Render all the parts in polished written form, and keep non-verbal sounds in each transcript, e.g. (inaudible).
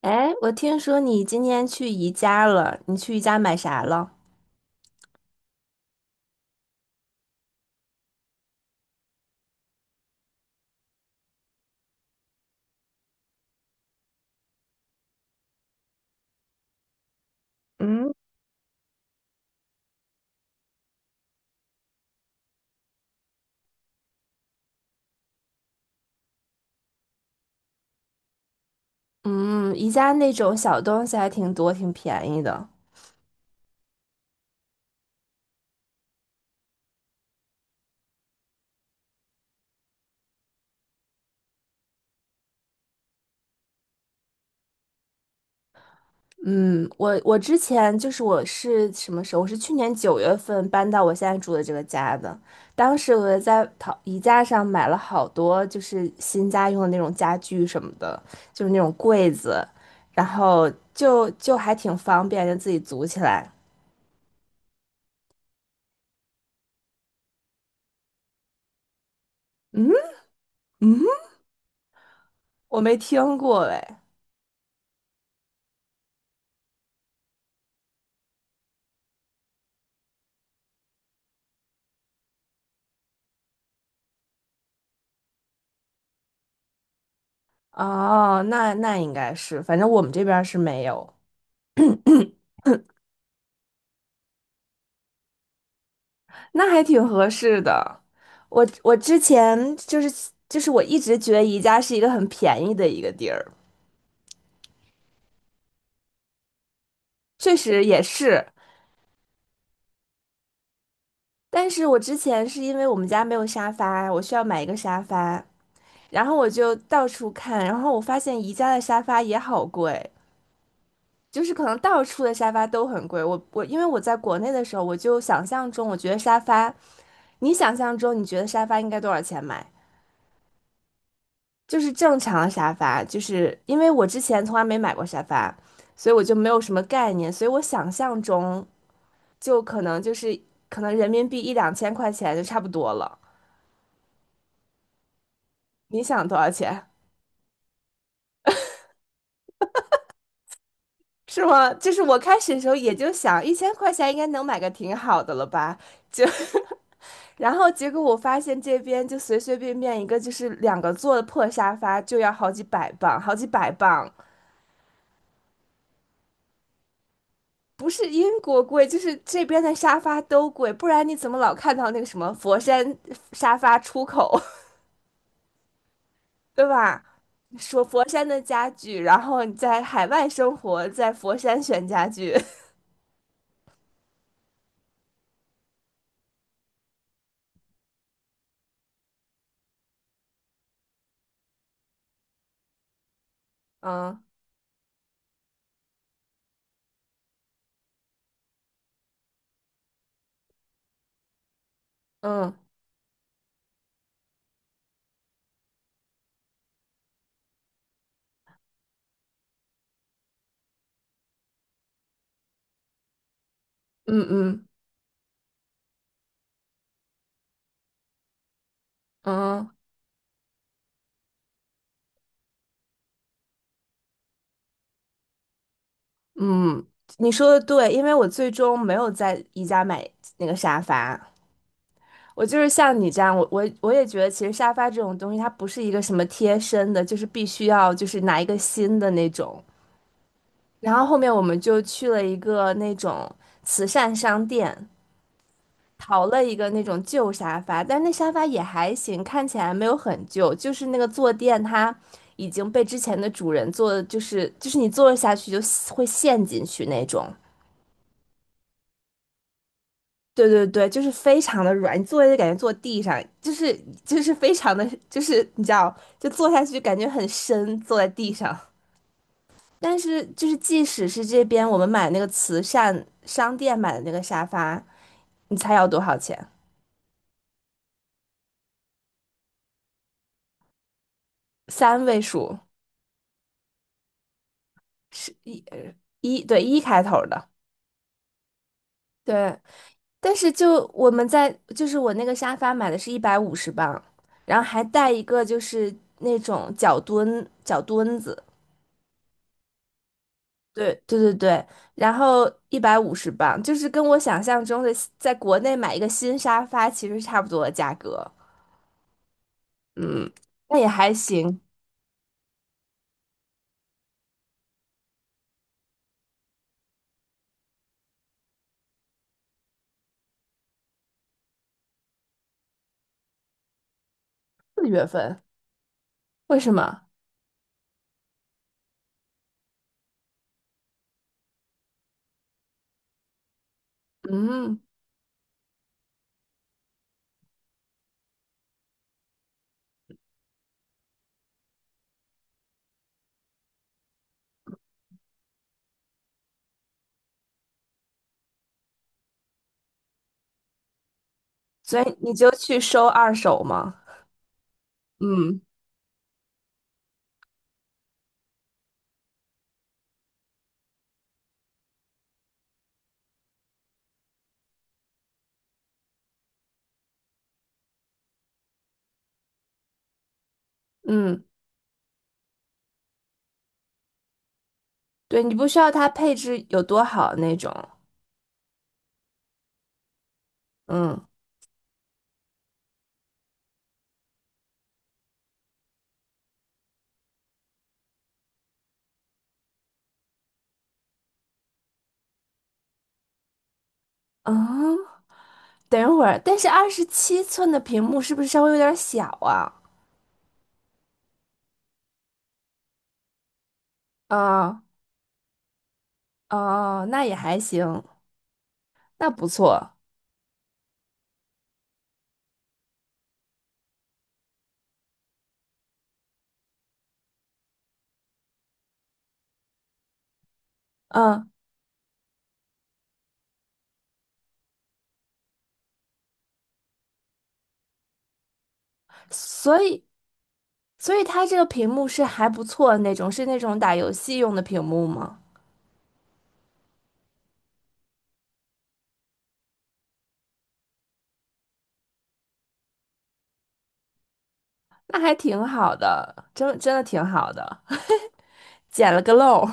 哎，我听说你今天去宜家了，你去宜家买啥了？嗯，嗯，宜家那种小东西还挺多，挺便宜的。嗯，我之前我是什么时候？我是去年9月份搬到我现在住的这个家的。当时我在淘宜家上买了好多，就是新家用的那种家具什么的，就是那种柜子，然后就还挺方便，就自己组起来。嗯，我没听过哎。哦，那应该是，反正我们这边儿是没有，那还挺合适的。我之前我一直觉得宜家是一个很便宜的一个地儿，确实也是。但是我之前是因为我们家没有沙发，我需要买一个沙发，然后我就到处看，然后我发现宜家的沙发也好贵，就是可能到处的沙发都很贵。我因为我在国内的时候，我就想象中我觉得沙发，你想象中你觉得沙发应该多少钱买？就是正常沙发，就是因为我之前从来没买过沙发，所以我就没有什么概念，所以我想象中就可能就是可能人民币一两千块钱就差不多了。你想多少钱？(laughs) 是吗？就是我开始的时候也就想1000块钱应该能买个挺好的了吧，就 (laughs) 然后结果我发现这边就随随便便一个就是两个座的破沙发就要好几百磅，好几百磅。不是英国贵，就是这边的沙发都贵，不然你怎么老看到那个什么佛山沙发出口，(laughs) 对吧？说佛山的家具，然后你在海外生活，在佛山选家具，(laughs) 嗯嗯嗯嗯嗯嗯，你说的对，因为我最终没有在宜家买那个沙发，我就是像你这样，我也觉得其实沙发这种东西，它不是一个什么贴身的，就是必须要就是拿一个新的那种。然后后面我们就去了一个那种慈善商店，淘了一个那种旧沙发，但是那沙发也还行，看起来没有很旧，就是那个坐垫它已经被之前的主人坐的，就是你坐下去就会陷进去那种。对对对，就是非常的软，你坐下就感觉坐地上，就是非常的，就是你知道，就坐下去感觉很深，坐在地上。但是就是即使是这边我们买那个慈善商店买的那个沙发，你猜要多少钱？三位数，是一，对，一开头的，对。但是就我们在就是我那个沙发买的是一百五十磅，然后还带一个就是那种脚墩脚墩子，对对对对，然后一百五十磅，就是跟我想象中的在国内买一个新沙发其实差不多的价格，嗯，那也还行，四月份。为什么？嗯，所以你就去收二手吗？嗯嗯，对，你不需要它配置有多好那种。嗯嗯，等一会儿，但是27寸的屏幕是不是稍微有点小啊？啊，哦，那也还行，那不错。嗯，所以所以它这个屏幕是还不错的那种，是那种打游戏用的屏幕吗？那还挺好的，真真的挺好的，(laughs) 捡了个漏。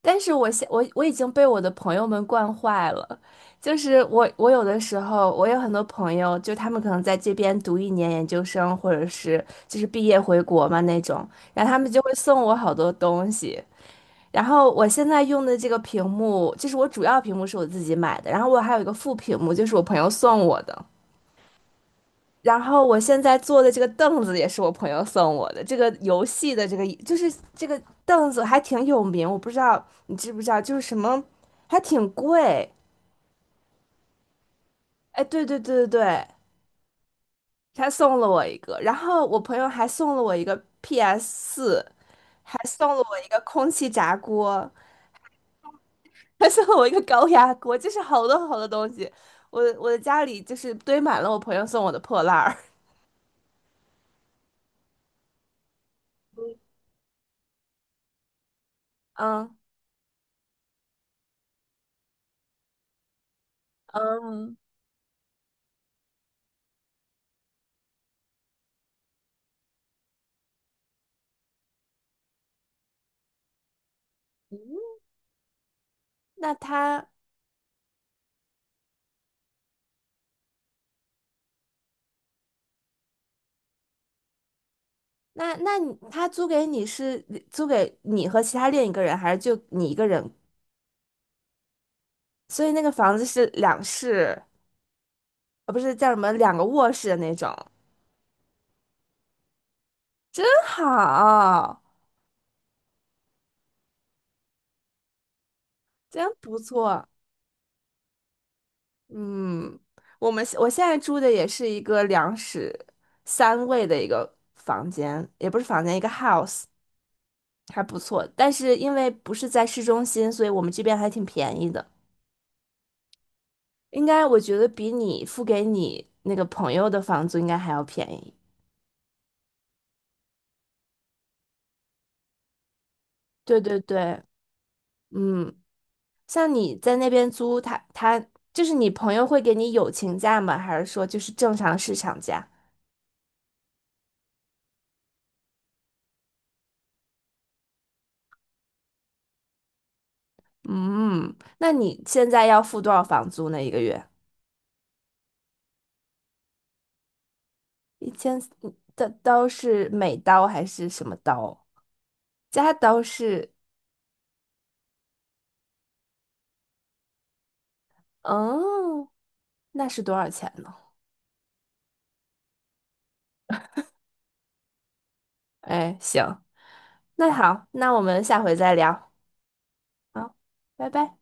但是我已经被我的朋友们惯坏了，就是我有的时候我有很多朋友，就他们可能在这边读一年研究生，或者是就是毕业回国嘛那种，然后他们就会送我好多东西。然后我现在用的这个屏幕，就是我主要屏幕是我自己买的，然后我还有一个副屏幕，就是我朋友送我的。然后我现在坐的这个凳子也是我朋友送我的，这个游戏的这个就是这个凳子还挺有名，我不知道你知不知道，就是什么还挺贵。哎，对对对对对，他送了我一个，然后我朋友还送了我一个 PS4，还送了我一个空气炸锅，还送了我一个高压锅，就是好多好多东西。我的家里就是堆满了我朋友送我的破烂儿。(laughs) 嗯嗯。嗯那他那那你他租给你是租给你和其他另一个人，还是就你一个人？所以那个房子是两室，呃，不是叫什么两个卧室的那种，真好，真不错。嗯，我现在住的也是一个两室三卫的一个房间，也不是房间，一个 house，还不错。但是因为不是在市中心，所以我们这边还挺便宜的，应该我觉得比你付给你那个朋友的房租应该还要便宜。对对对，嗯，像你在那边租，他你朋友会给你友情价吗？还是说就是正常市场价？嗯，那你现在要付多少房租呢？一个月？一千的刀是美刀还是什么刀？加刀是，哦，那是多少钱呢？哎，行，那好，那我们下回再聊，好，拜拜。